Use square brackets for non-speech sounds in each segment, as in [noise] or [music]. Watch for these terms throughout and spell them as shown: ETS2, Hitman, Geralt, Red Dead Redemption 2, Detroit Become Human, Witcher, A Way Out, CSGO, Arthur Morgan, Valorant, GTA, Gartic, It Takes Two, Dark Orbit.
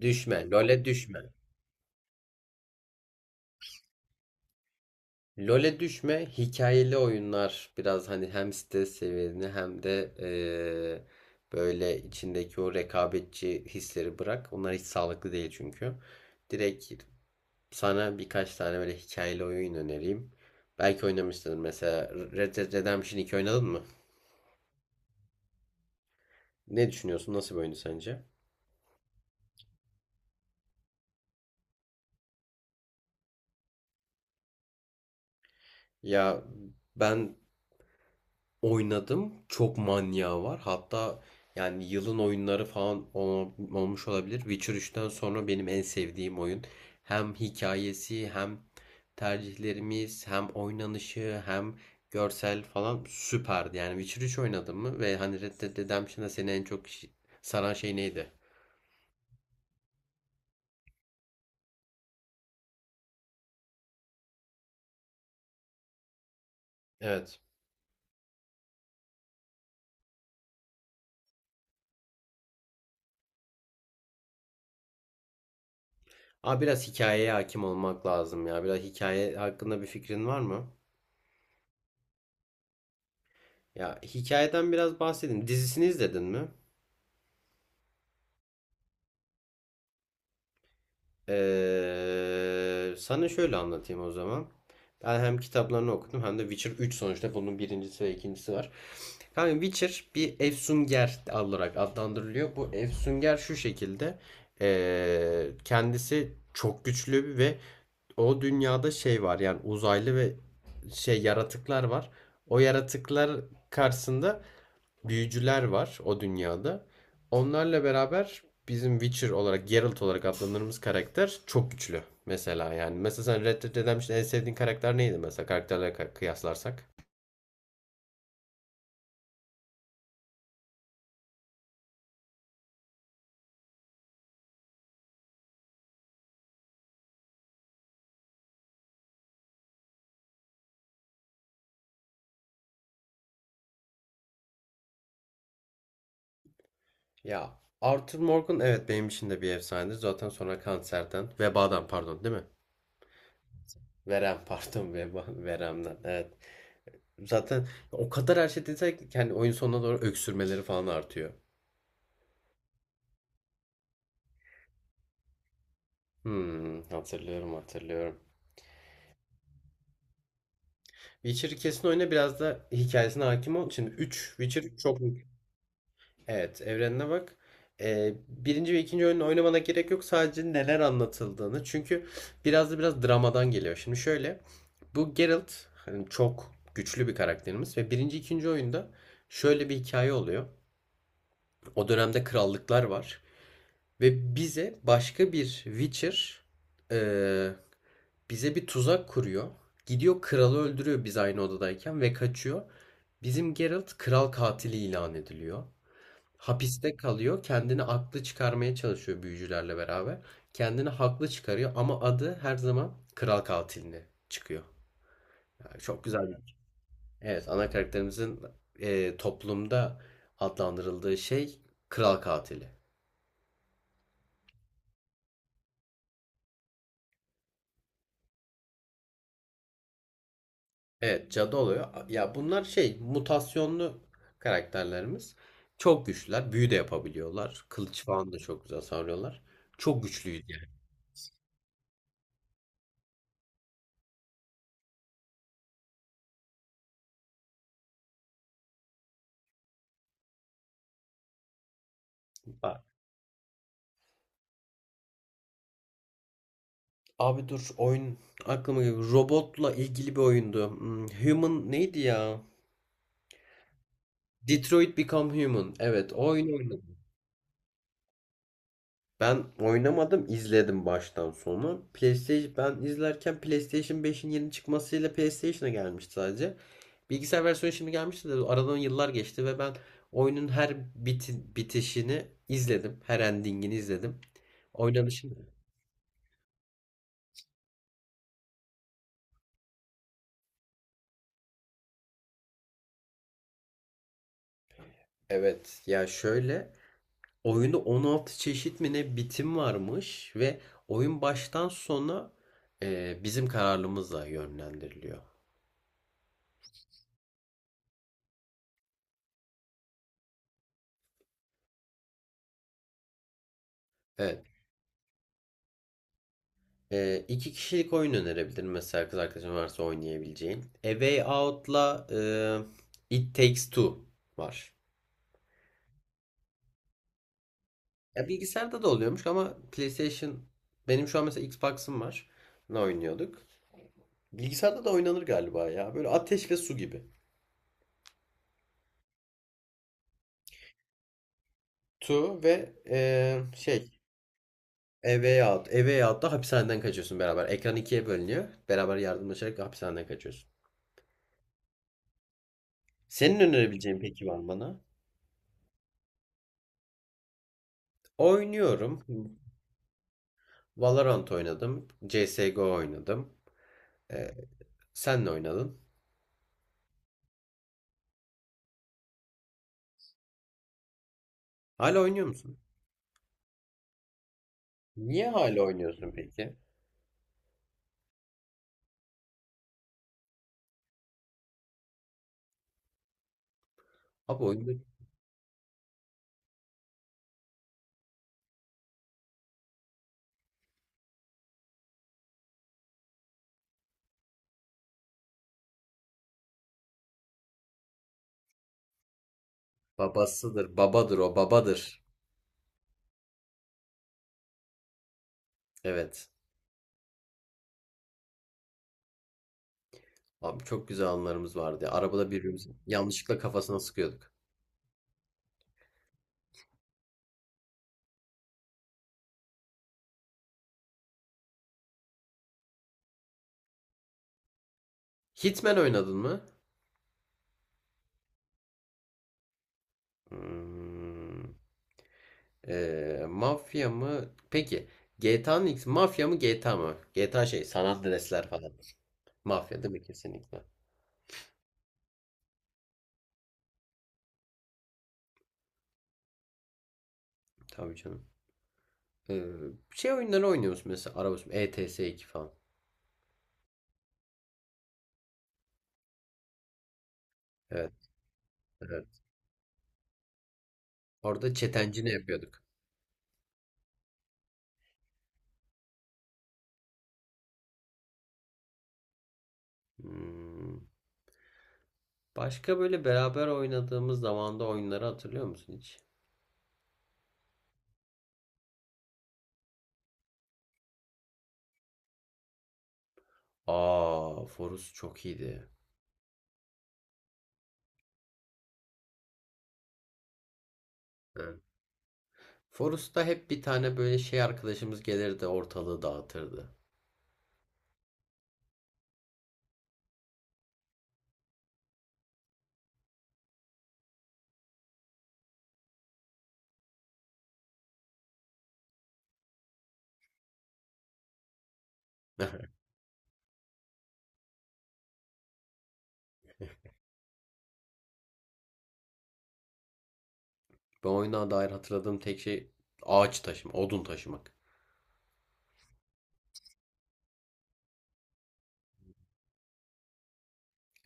Düşme, LoL'e düşme. LoL'e düşme, hikayeli oyunlar biraz hani hem stres seviyeni hem de böyle içindeki o rekabetçi hisleri bırak. Onlar hiç sağlıklı değil çünkü. Direkt sana birkaç tane böyle hikayeli oyun önereyim. Belki oynamışsındır, mesela Red Dead Redemption 2 oynadın mı? Ne düşünüyorsun? Nasıl bir oyundu sence? Ya ben oynadım. Çok manyağı var. Hatta yani yılın oyunları falan olmuş olabilir. Witcher üçten sonra benim en sevdiğim oyun. Hem hikayesi hem tercihlerimiz hem oynanışı hem görsel falan süperdi. Yani Witcher üç oynadın mı? Ve hani Red Dead Redemption'da seni en çok saran şey neydi? Evet. Ama biraz hikayeye hakim olmak lazım ya. Biraz hikaye hakkında bir fikrin var mı? Ya hikayeden biraz bahsedin. Dizisini izledin mi? Sana şöyle anlatayım o zaman. Ben hem kitaplarını okudum hem de Witcher üç, sonuçta bunun birincisi ve ikincisi var. Kanka Witcher bir efsunger olarak adlandırılıyor. Bu efsunger şu şekilde. Kendisi çok güçlü ve o dünyada şey var, yani uzaylı ve şey yaratıklar var. O yaratıklar karşısında büyücüler var o dünyada. Onlarla beraber bizim Witcher olarak, Geralt olarak adlandırdığımız karakter çok güçlü. Mesela yani. Mesela sen Red Dead Redemption'da en sevdiğin karakter neydi, mesela karakterlere kıyaslarsak? Ya Arthur Morgan, evet benim için de bir efsanedir. Zaten sonra kanserden, vebadan pardon, değil mi? Verem pardon, veba, veremden evet. Zaten o kadar her şey desek, yani oyun sonuna doğru öksürmeleri falan artıyor. Hmm, hatırlıyorum hatırlıyorum. Witcher'ı kesin oyna, biraz da hikayesine hakim ol. Şimdi 3 Witcher çok büyük. Evet, evrenine bak. Birinci ve ikinci oyunu oynamana gerek yok. Sadece neler anlatıldığını. Çünkü biraz dramadan geliyor. Şimdi şöyle. Bu Geralt hani çok güçlü bir karakterimiz. Ve birinci ikinci oyunda şöyle bir hikaye oluyor. O dönemde krallıklar var. Ve bize başka bir Witcher e, bize bir tuzak kuruyor. Gidiyor kralı öldürüyor biz aynı odadayken ve kaçıyor. Bizim Geralt kral katili ilan ediliyor. Hapiste kalıyor. Kendini aklı çıkarmaya çalışıyor büyücülerle beraber. Kendini haklı çıkarıyor ama adı her zaman kral katiline çıkıyor. Yani çok güzel bir şey. Evet, ana karakterimizin toplumda adlandırıldığı şey kral katili. Evet, cadı oluyor. Ya bunlar şey mutasyonlu karakterlerimiz. Çok güçlüler. Büyü de yapabiliyorlar. Kılıç falan da çok güzel savuruyorlar. Çok güçlüydü yani. Bak, abi dur, oyun aklıma geliyor. Robotla ilgili bir oyundu. Hmm, Human neydi ya? Detroit Become Human. Evet, o oyunu oynadım. Ben oynamadım, izledim baştan sona. PlayStation, ben izlerken PlayStation 5'in yeni çıkmasıyla PlayStation'a gelmişti sadece. Bilgisayar versiyonu şimdi gelmişti de aradan yıllar geçti ve ben oyunun her bitişini izledim. Her endingini izledim. Oynanışını. Evet ya şöyle, oyunda 16 çeşit mi ne bitim varmış ve oyun baştan sona bizim kararlılığımızla yönlendiriliyor. Evet. İki kişilik oyun önerebilirim mesela, kız arkadaşın varsa oynayabileceğin. A Way Out'la It Takes Two var. Ya bilgisayarda da oluyormuş ama PlayStation, benim şu an mesela Xbox'ım var. Ne oynuyorduk? Bilgisayarda da oynanır galiba ya. Böyle ateş ve su gibi. Two ve şey A Way Out. A Way Out'ta hapishaneden kaçıyorsun beraber. Ekran ikiye bölünüyor. Beraber yardımlaşarak hapishaneden kaçıyorsun. Senin önerebileceğin peki var mı bana? Oynuyorum. Valorant oynadım. CSGO oynadım. Ee, Sen ne oynadın? Hala oynuyor musun? Niye hala oynuyorsun peki? Abi oyunda babasıdır, babadır o, babadır. Evet. Abi çok güzel anılarımız vardı ya. Arabada birbirimizi yanlışlıkla kafasına sıkıyorduk. Hitman oynadın mı? Hmm, mafya mı? Peki. GTA'nın X, mafya mı GTA mı? GTA şey, sanat Andreas'ler falan. Mafya değil mi kesinlikle? Tabii canım. Ee, Şey oyunları oynuyoruz, mesela ETS2 falan. Evet, evet. Orada çetencini yapıyorduk. Hmm. Başka böyle beraber oynadığımız zamanda oyunları hatırlıyor musun hiç? Aa, Forus çok iyiydi. Evet. Forus'ta hep bir tane böyle şey arkadaşımız gelirdi, ortalığı dağıtırdı. [laughs] Ben oyuna dair hatırladığım tek şey ağaç taşıma, odun taşımak.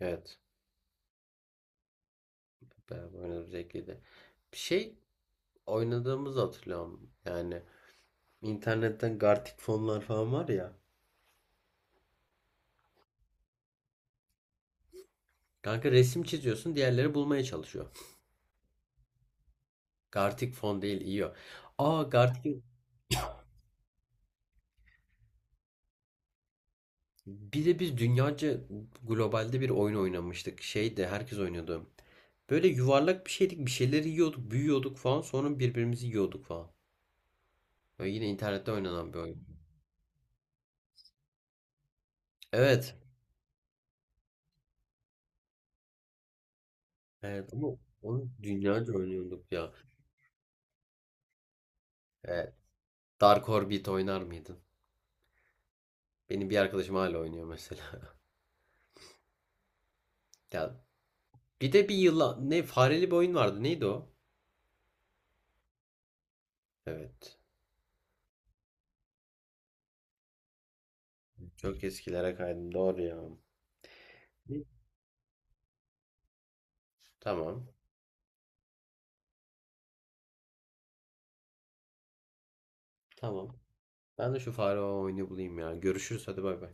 Evet. Beraber oynadığımız zevkliydi. Bir şey oynadığımızı hatırlıyorum. Yani İnternetten Gartic fonlar falan var ya. Kanka resim çiziyorsun, diğerleri bulmaya çalışıyor. Gartic fon değil, iyi o. Aa Gartic, bir de biz dünyaca globalde bir oyun oynamıştık. Şey de herkes oynuyordu. Böyle yuvarlak bir şeydik, bir şeyleri yiyorduk, büyüyorduk falan. Sonra birbirimizi yiyorduk falan. Böyle yine internette oynanan bir oyun. Evet. Evet ama onu dünyaca oynuyorduk ya. Evet. Dark Orbit oynar mıydın? Benim bir arkadaşım hala oynuyor mesela. [laughs] Ya bir de bir yılan ne fareli bir oyun vardı. Neydi o? Evet. Çok eskilere kaydım. Doğru ya. Tamam. Tamam. Ben de şu fare oyunu bulayım ya. Görüşürüz. Hadi bay bay.